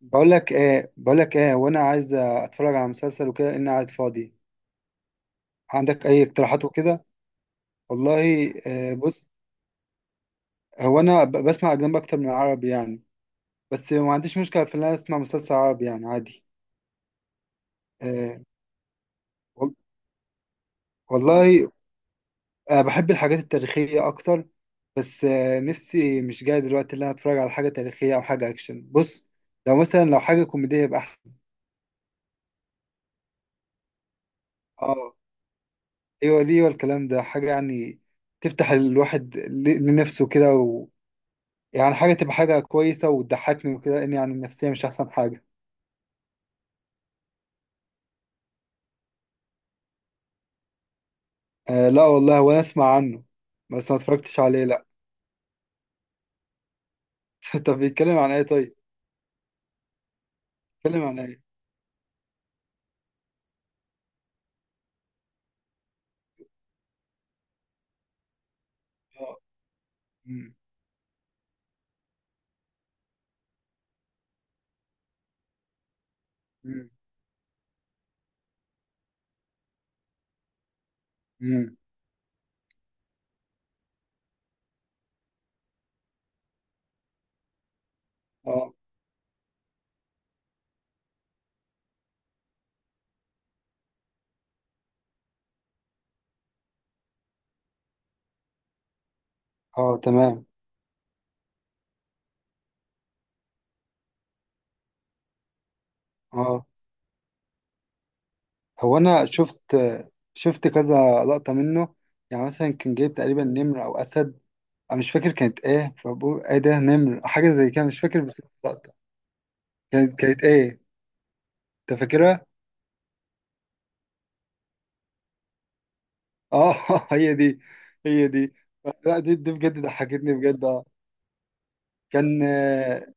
بقول لك ايه وانا عايز اتفرج على مسلسل وكده، لان قاعد فاضي. عندك اي اقتراحات وكده؟ والله بص. هو انا بسمع اجنبي اكتر من عربي يعني. بس ما عنديش مشكله في ان انا اسمع مسلسل عربي يعني عادي. آه، وال- والله بحب الحاجات التاريخيه اكتر. بس نفسي مش جاي دلوقتي ان انا اتفرج على حاجه تاريخيه او حاجه اكشن. بص، لو مثلا لو حاجه كوميديه يبقى احسن. اه، ايوه ليه، والكلام ده حاجه يعني. تفتح الواحد لنفسه كده. يعني حاجة تبقى حاجة كويسة وتضحكني وكده، لأن يعني النفسية مش أحسن حاجة. آه، لا والله، وأنا أسمع عنه. بس ما اتفرجتش عليه لا. طب بيتكلم عن إيه طيب؟ بيتكلم عن إيه؟ آه. أمم، أمم، أمم. آه. آه. تمام. آه. هو أنا شفت كذا لقطة منه. يعني مثلا كان جايب تقريبا نمر أو أسد. أنا مش فاكر كانت إيه، فبقول إيه ده، نمر حاجة زي كده، مش فاكر بس اللقطة. كانت إيه؟ أنت فاكرها؟ اه. هي دي. هي دي. لا، دي بجد ضحكتني بجد، اه. كان آه،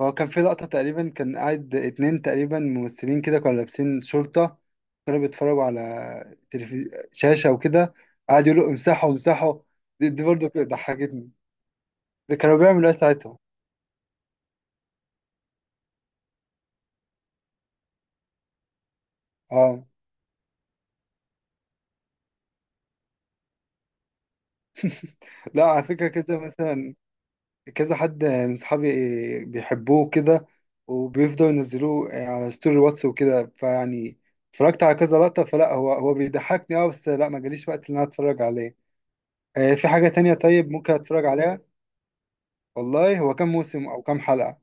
هو كان في لقطة تقريبا. كان قاعد اتنين تقريبا ممثلين كده، كانوا لابسين شرطة. كانوا بيتفرجوا على شاشة وكده. قاعد يقولوا امسحوا امسحوا. دي برضه كده ضحكتني. ده كانوا بيعملوا ايه ساعتها؟ اه، لا على فكرة، كده مثلا كذا حد من صحابي بيحبوه كده، وبيفضلوا ينزلوه على ستوري الواتس وكده، فيعني اتفرجت على كذا لقطة. فلا، هو بيضحكني اه، بس لا ما جاليش وقت ان انا اتفرج عليه. في حاجة تانية طيب ممكن اتفرج عليها؟ والله هو كام موسم او كام حلقة؟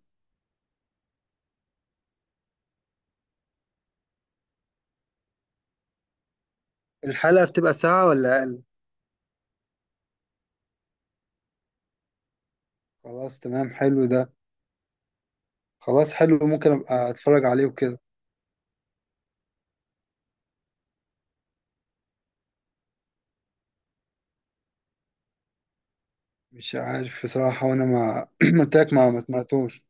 الحلقة بتبقى ساعة ولا اقل؟ خلاص تمام، حلو ده. خلاص حلو، ممكن ابقى اتفرج عليه وكده. مش عارف بصراحة، وانا ما ما قلت لك ما سمعتوش.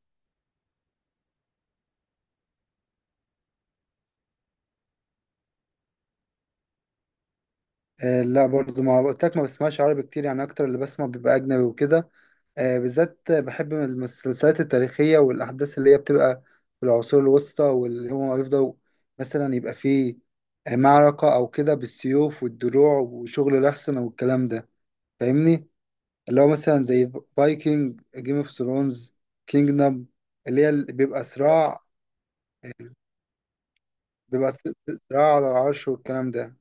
لا برضو، ما قلت لك، ما بسمعش عربي كتير يعني، اكتر اللي بسمع بيبقى اجنبي وكده. بالذات بحب المسلسلات التاريخية والأحداث اللي هي بتبقى في العصور الوسطى، واللي هما يفضلوا مثلا يبقى فيه معركة أو كده بالسيوف والدروع وشغل الأحصنة والكلام ده. فاهمني؟ اللي هو مثلا زي فايكنج، جيم اوف ثرونز، كينجدم، اللي هي اللي بيبقى صراع. آه، بيبقى س- صراع على العرش والكلام ده.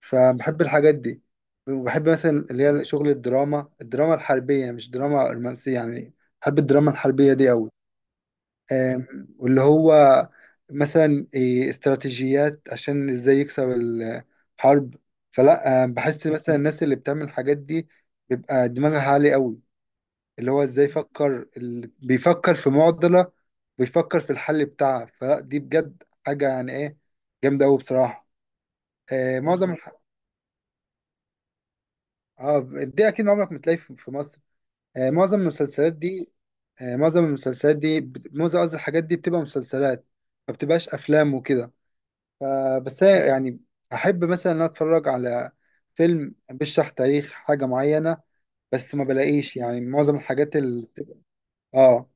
فبحب الحاجات دي. وبحب مثلا اللي هي شغل الدراما الحربية، مش دراما رومانسية يعني. بحب الدراما الحربية دي أوي. واللي هو مثلا استراتيجيات عشان ازاي يكسب الحرب. فلا بحس مثلا الناس اللي بتعمل الحاجات دي بيبقى دماغها عالي قوي. اللي هو ازاي يفكر، بيفكر في معضلة، بيفكر في الحل بتاعها. فلا دي بجد حاجة يعني ايه، جامدة قوي بصراحة. آه، معظم الح... اه، دي اكيد عمرك ما تلاقي في مصر. آه، معظم المسلسلات دي معظم المسلسلات دي معظم قصدي الحاجات دي بتبقى مسلسلات، ما بتبقاش افلام وكده. ف- بس هي يعني احب مثلا ان أنا اتفرج على فيلم بيشرح تاريخ حاجه معينه. بس ما بلاقيش، يعني معظم الحاجات اللي بتبقى، اه،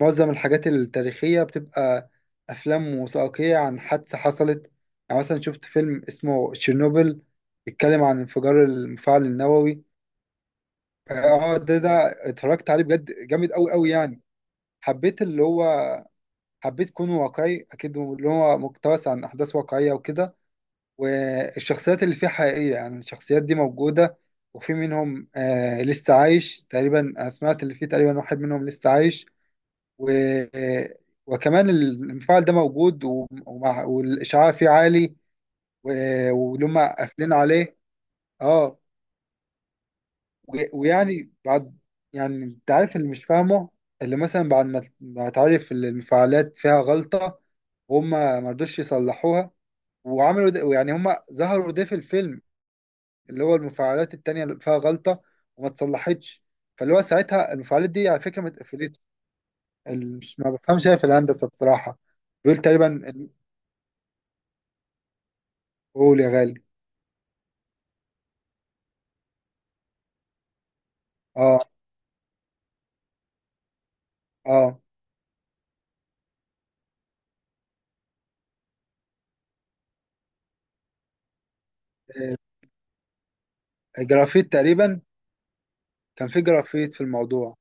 معظم الحاجات التاريخيه بتبقى افلام وثائقيه عن حادثه حصلت. يعني مثلا شفت فيلم اسمه تشيرنوبل، بيتكلم عن انفجار المفاعل النووي. اه، ده اتفرجت عليه بجد، جامد قوي قوي يعني. حبيت اللي هو حبيت كونه واقعي، اكيد اللي هو مقتبس عن احداث واقعيه وكده. والشخصيات اللي فيه حقيقية، يعني الشخصيات دي موجودة. وفي منهم لسه عايش تقريبا. أنا سمعت اللي فيه تقريبا واحد منهم لسه عايش. و آه، وكمان المفاعل ده موجود، ومع، والإشعاع فيه عالي، ولما قافلين عليه. اه، ويعني بعد، يعني انت عارف اللي مش فاهمه، اللي مثلا بعد ما تعرف إن المفاعلات فيها غلطة هما ما رضوش يصلحوها، وعملوا ده. يعني هما ظهروا ده في الفيلم، اللي هو المفاعلات التانية اللي فيها غلطة وما اتصلحتش. فاللي هو ساعتها المفاعلات دي على فكرة ما اتقفلتش. مش، ما بفهمش أنا في الهندسة بصراحة. بيقول تقريبا قول يا غالي. اه، اه. آه، الجرافيت تقريبا. كان في جرافيت في الموضوع.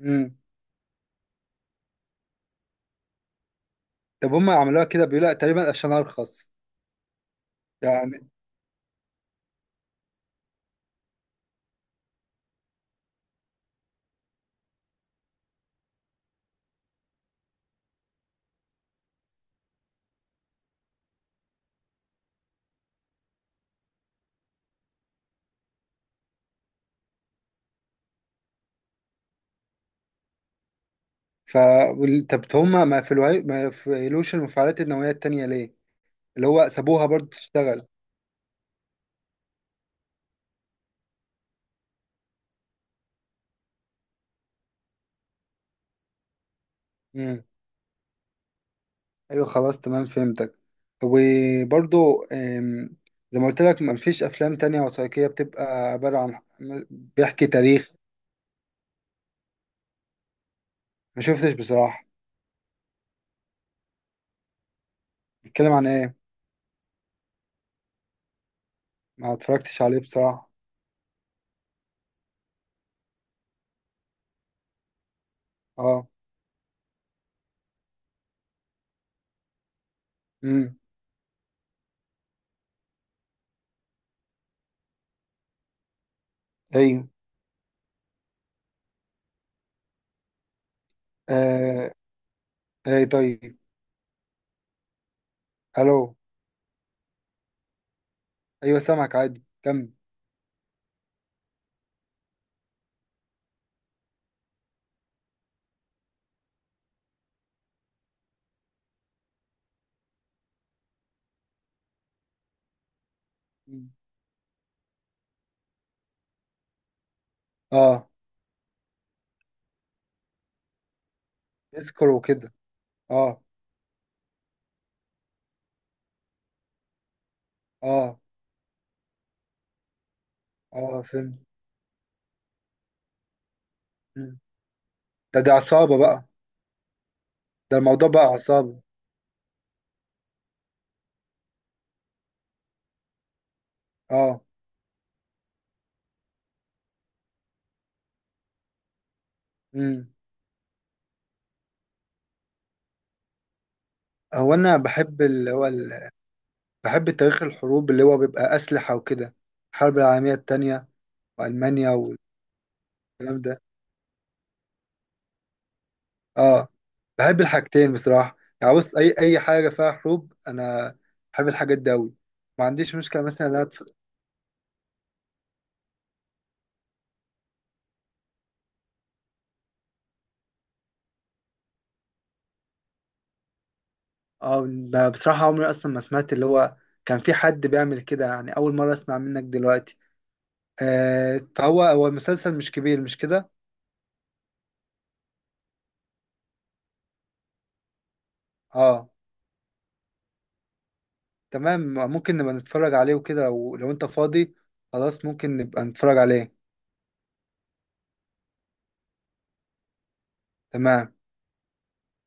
امم. طب هم عملوها كده، بيقول لأ، تقريبا عشان ارخص يعني. ف طب هم ما في، ما يقفلوش المفاعلات النووية التانية ليه؟ اللي هو سابوها برضو تشتغل. ايوه خلاص تمام، فهمتك. وبرضو زي ما قلت لك ما فيش افلام تانية وثائقية بتبقى عبارة عن بيحكي تاريخ. ما شفتش بصراحة. بيتكلم عن ايه؟ ما اتفرجتش عليه بصراحة. اه. امم. ايوه. آه. اي طيب. الو؟ ايوه سامعك عادي، كمل. مم. اه. اذكر وكده. اه. اه. اه، فهمت. مم. دي عصابة بقى؟ ده الموضوع بقى عصابة. اه. امم. هو انا بحب اللي هو بحب تاريخ الحروب، اللي هو بيبقى أسلحة وكده، الحرب العالمية التانية وألمانيا والكلام ده. اه، بحب الحاجتين بصراحة يعني. بص، أي حاجة فيها حروب، أنا بحب الحاجات دي أوي. ما عنديش مشكلة مثلا إن أنا اه، أنا بصراحة عمري أصلا ما سمعت اللي هو كان في حد بيعمل كده يعني. أول مرة أسمع منك دلوقتي. آه فهو المسلسل مش كبير، مش كده؟ اه تمام. ممكن نبقى نتفرج عليه وكده، لو أنت فاضي. خلاص ممكن نبقى نتفرج عليه. تمام.